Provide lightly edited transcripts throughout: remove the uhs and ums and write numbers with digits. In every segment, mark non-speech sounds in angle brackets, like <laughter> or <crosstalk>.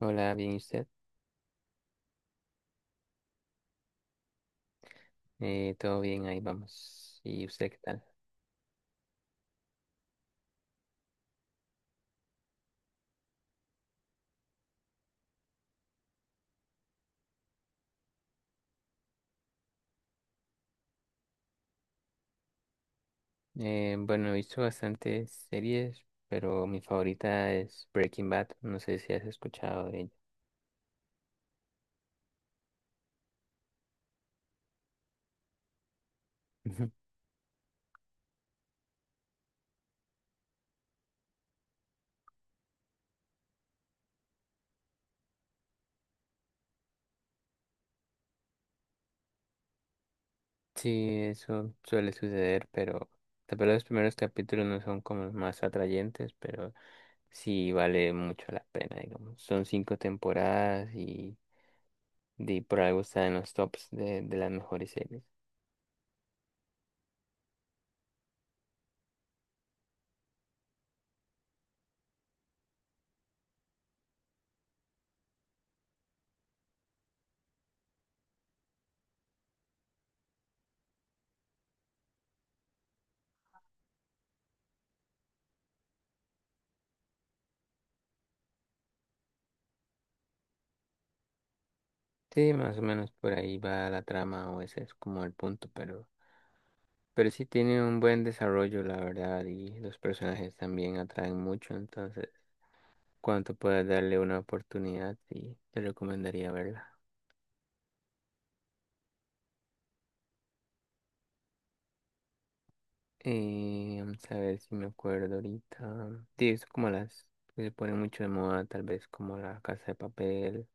Hola, bien, ¿y usted? Todo bien, ahí vamos. ¿Y usted qué tal? Bueno, he visto bastantes series, pero mi favorita es Breaking Bad. No sé si has escuchado de ella. Ujú. Sí, eso suele suceder, pero tal vez los primeros capítulos no son como los más atrayentes, pero sí vale mucho la pena, digamos. Son cinco temporadas y, por algo está en los tops de las mejores series. Sí, más o menos por ahí va la trama o ese es como el punto, pero... Pero sí tiene un buen desarrollo, la verdad, y los personajes también atraen mucho, entonces, cuanto puedas darle una oportunidad, sí, te recomendaría verla. Vamos a ver si me acuerdo ahorita. Sí, es como las que se ponen mucho de moda, tal vez como La Casa de Papel.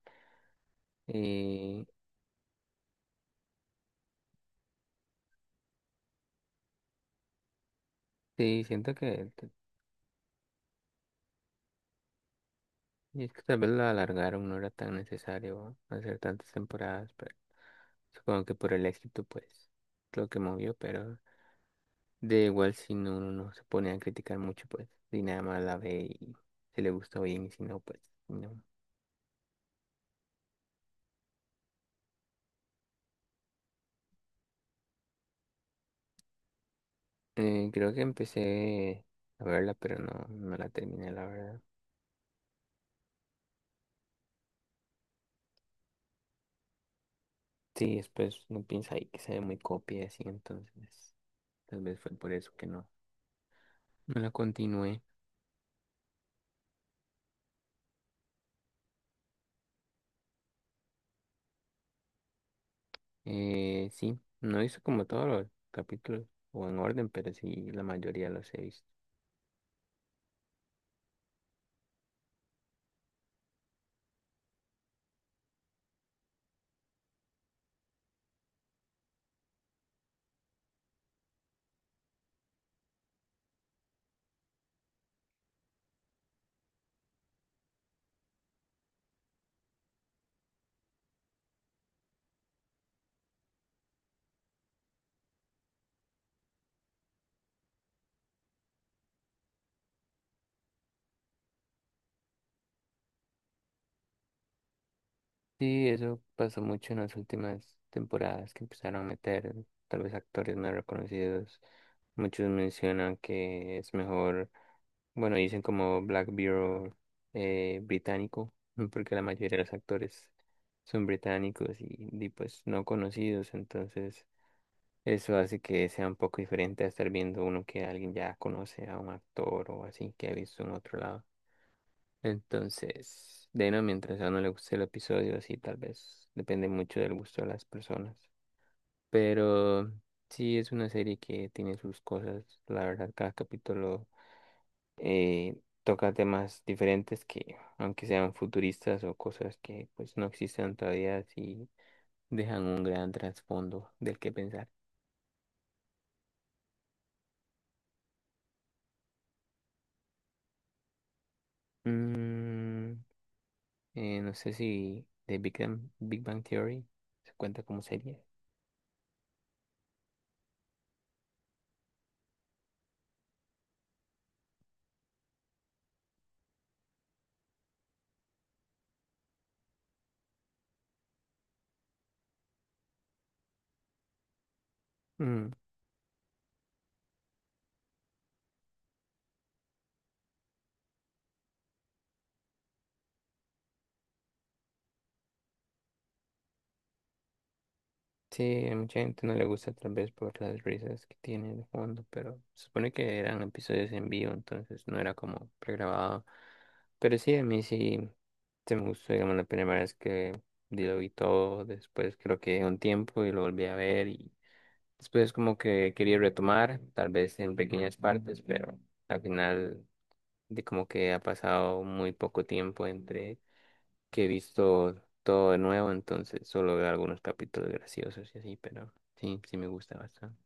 Eh, sí, siento que. Y es que tal vez la alargaron, no era tan necesario hacer tantas temporadas, pero supongo que por el éxito, pues, lo que movió, pero... De igual si no, uno no se pone a criticar mucho, pues, y nada más la ve y se le gusta bien, y si no, pues, no. Creo que empecé a verla, pero no, no la terminé, la verdad. Sí, después no piensa ahí que se ve muy copia y así, entonces, tal vez fue por eso que no, no la continué. Sí, no hice como todos los capítulos o en orden, pero sí, la mayoría los he visto. Sí, eso pasó mucho en las últimas temporadas que empezaron a meter tal vez actores no reconocidos. Muchos mencionan que es mejor, bueno, dicen como Black Bureau británico, <laughs> porque la mayoría de los actores son británicos y, pues no conocidos, entonces eso hace que sea un poco diferente a estar viendo uno que alguien ya conoce a un actor o así que ha visto en otro lado. Entonces, de no, mientras a uno le guste el episodio, así tal vez depende mucho del gusto de las personas. Pero sí es una serie que tiene sus cosas. La verdad, cada capítulo eh, toca temas diferentes que, aunque sean futuristas o cosas que pues no existen todavía, sí dejan un gran trasfondo del que pensar. Mm, no sé si Big Bang Theory se cuenta como serie. Mm, Sí, a mucha gente no le gusta tal vez por las risas que tiene de fondo, pero se supone que eran episodios en vivo, entonces no era como pregrabado. Pero sí, a mí sí se me gustó, digamos, la primera vez que lo vi todo, después creo que un tiempo y lo volví a ver y después como que quería retomar, tal vez en pequeñas partes, pero al final de como que ha pasado muy poco tiempo entre que he visto todo de nuevo, entonces solo veo algunos capítulos graciosos y así, pero sí, sí me gusta bastante.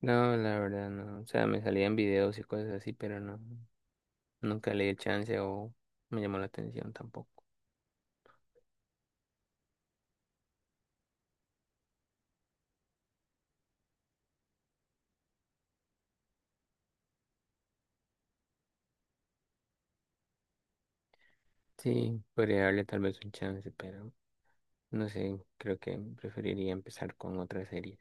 No, la verdad no. O sea, me salían videos y cosas así, pero no, nunca le di el chance o me llamó la atención tampoco. Sí, podría darle tal vez un chance, pero no sé, creo que preferiría empezar con otra serie.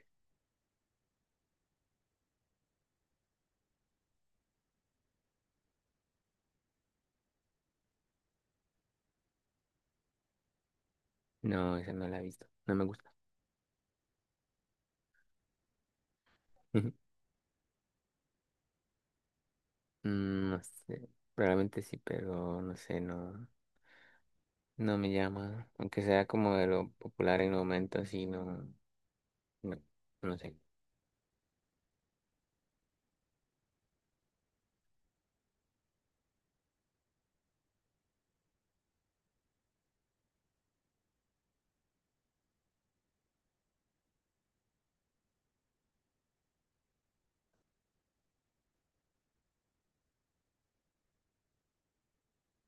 No, esa no la he visto, no me gusta. <laughs> No sé, probablemente sí, pero no sé, no. No me llama, aunque sea como de lo popular en el momento, así no, no, no sé.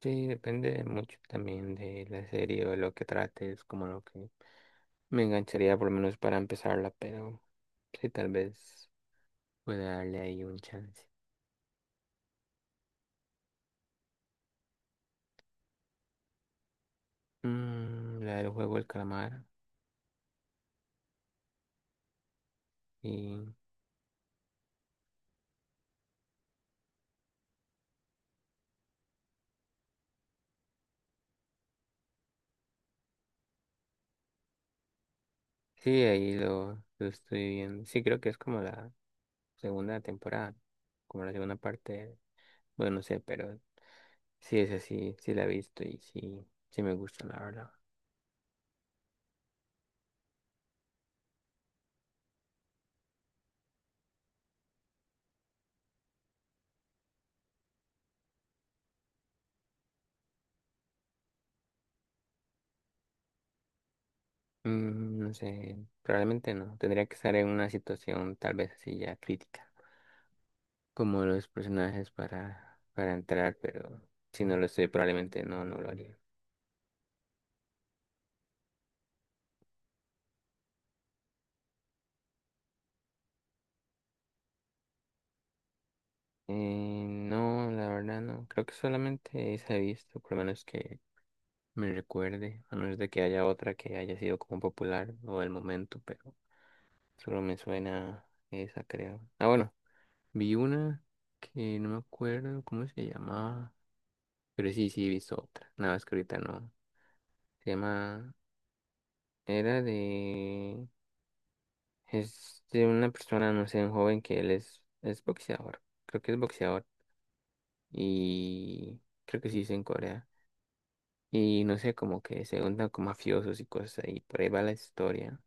Sí, depende mucho también de la serie o de lo que trate es como lo que me engancharía por lo menos para empezarla, pero sí, tal vez pueda darle ahí un chance. La del juego del calamar, y sí, ahí lo estoy viendo. Sí, creo que es como la segunda temporada, como la segunda parte, bueno, no sé, pero sí es así, sí la he visto y sí, sí me gusta, la verdad. No sé, probablemente no. Tendría que estar en una situación tal vez así ya crítica, como los personajes para entrar, pero si no lo estoy, probablemente no, no lo haría. No, la verdad no. Creo que solamente esa he visto, por lo menos que me recuerde, a menos de que haya otra que haya sido como popular o del momento, pero solo me suena esa, creo. Ah, bueno, vi una que no me acuerdo cómo se llamaba, pero sí, sí he visto otra. Nada más que ahorita no. Se llama, era de, es de una persona, no sé, un joven que él es boxeador, creo que es boxeador, y creo que sí es en Corea, y no sé, como que se juntan con mafiosos y cosas, y por ahí va la historia,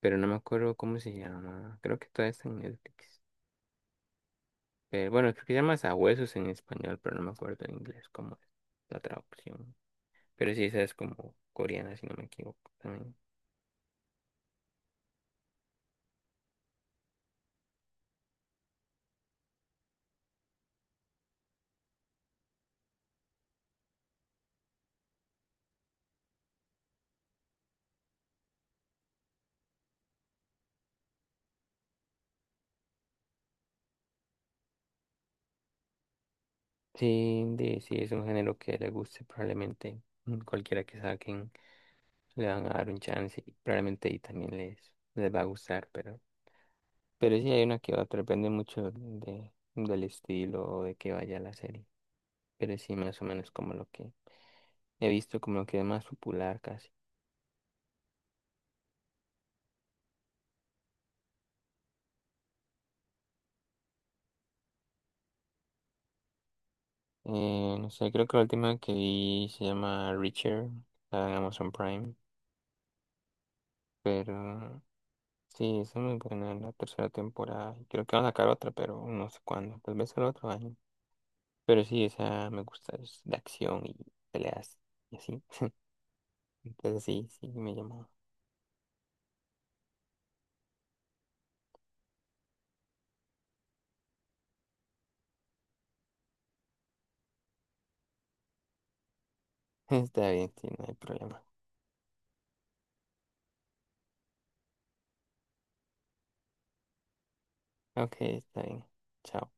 pero no me acuerdo cómo se llama, creo que todavía está en Netflix, pero bueno, creo que se llama Sabuesos en español, pero no me acuerdo en inglés cómo es la traducción, pero sí, esa es como coreana, si no me equivoco, también. Sí, sí, es un género que le guste, probablemente cualquiera que saquen le van a dar un chance y probablemente y también les va a gustar, pero, sí hay una que otra, depende mucho del estilo o de que vaya la serie, pero sí más o menos como lo que he visto, como lo que es más popular casi. No sé, creo que la última que vi se llama Reacher, está en Amazon Prime, pero sí, es muy buena la tercera temporada, creo que van a sacar otra, pero no sé cuándo, tal vez el otro año. Pero sí, esa me gusta es la acción y peleas y así. Entonces sí, sí, me llamó. <laughs> Está bien, sí, no hay problema. Ok, está bien. Chao.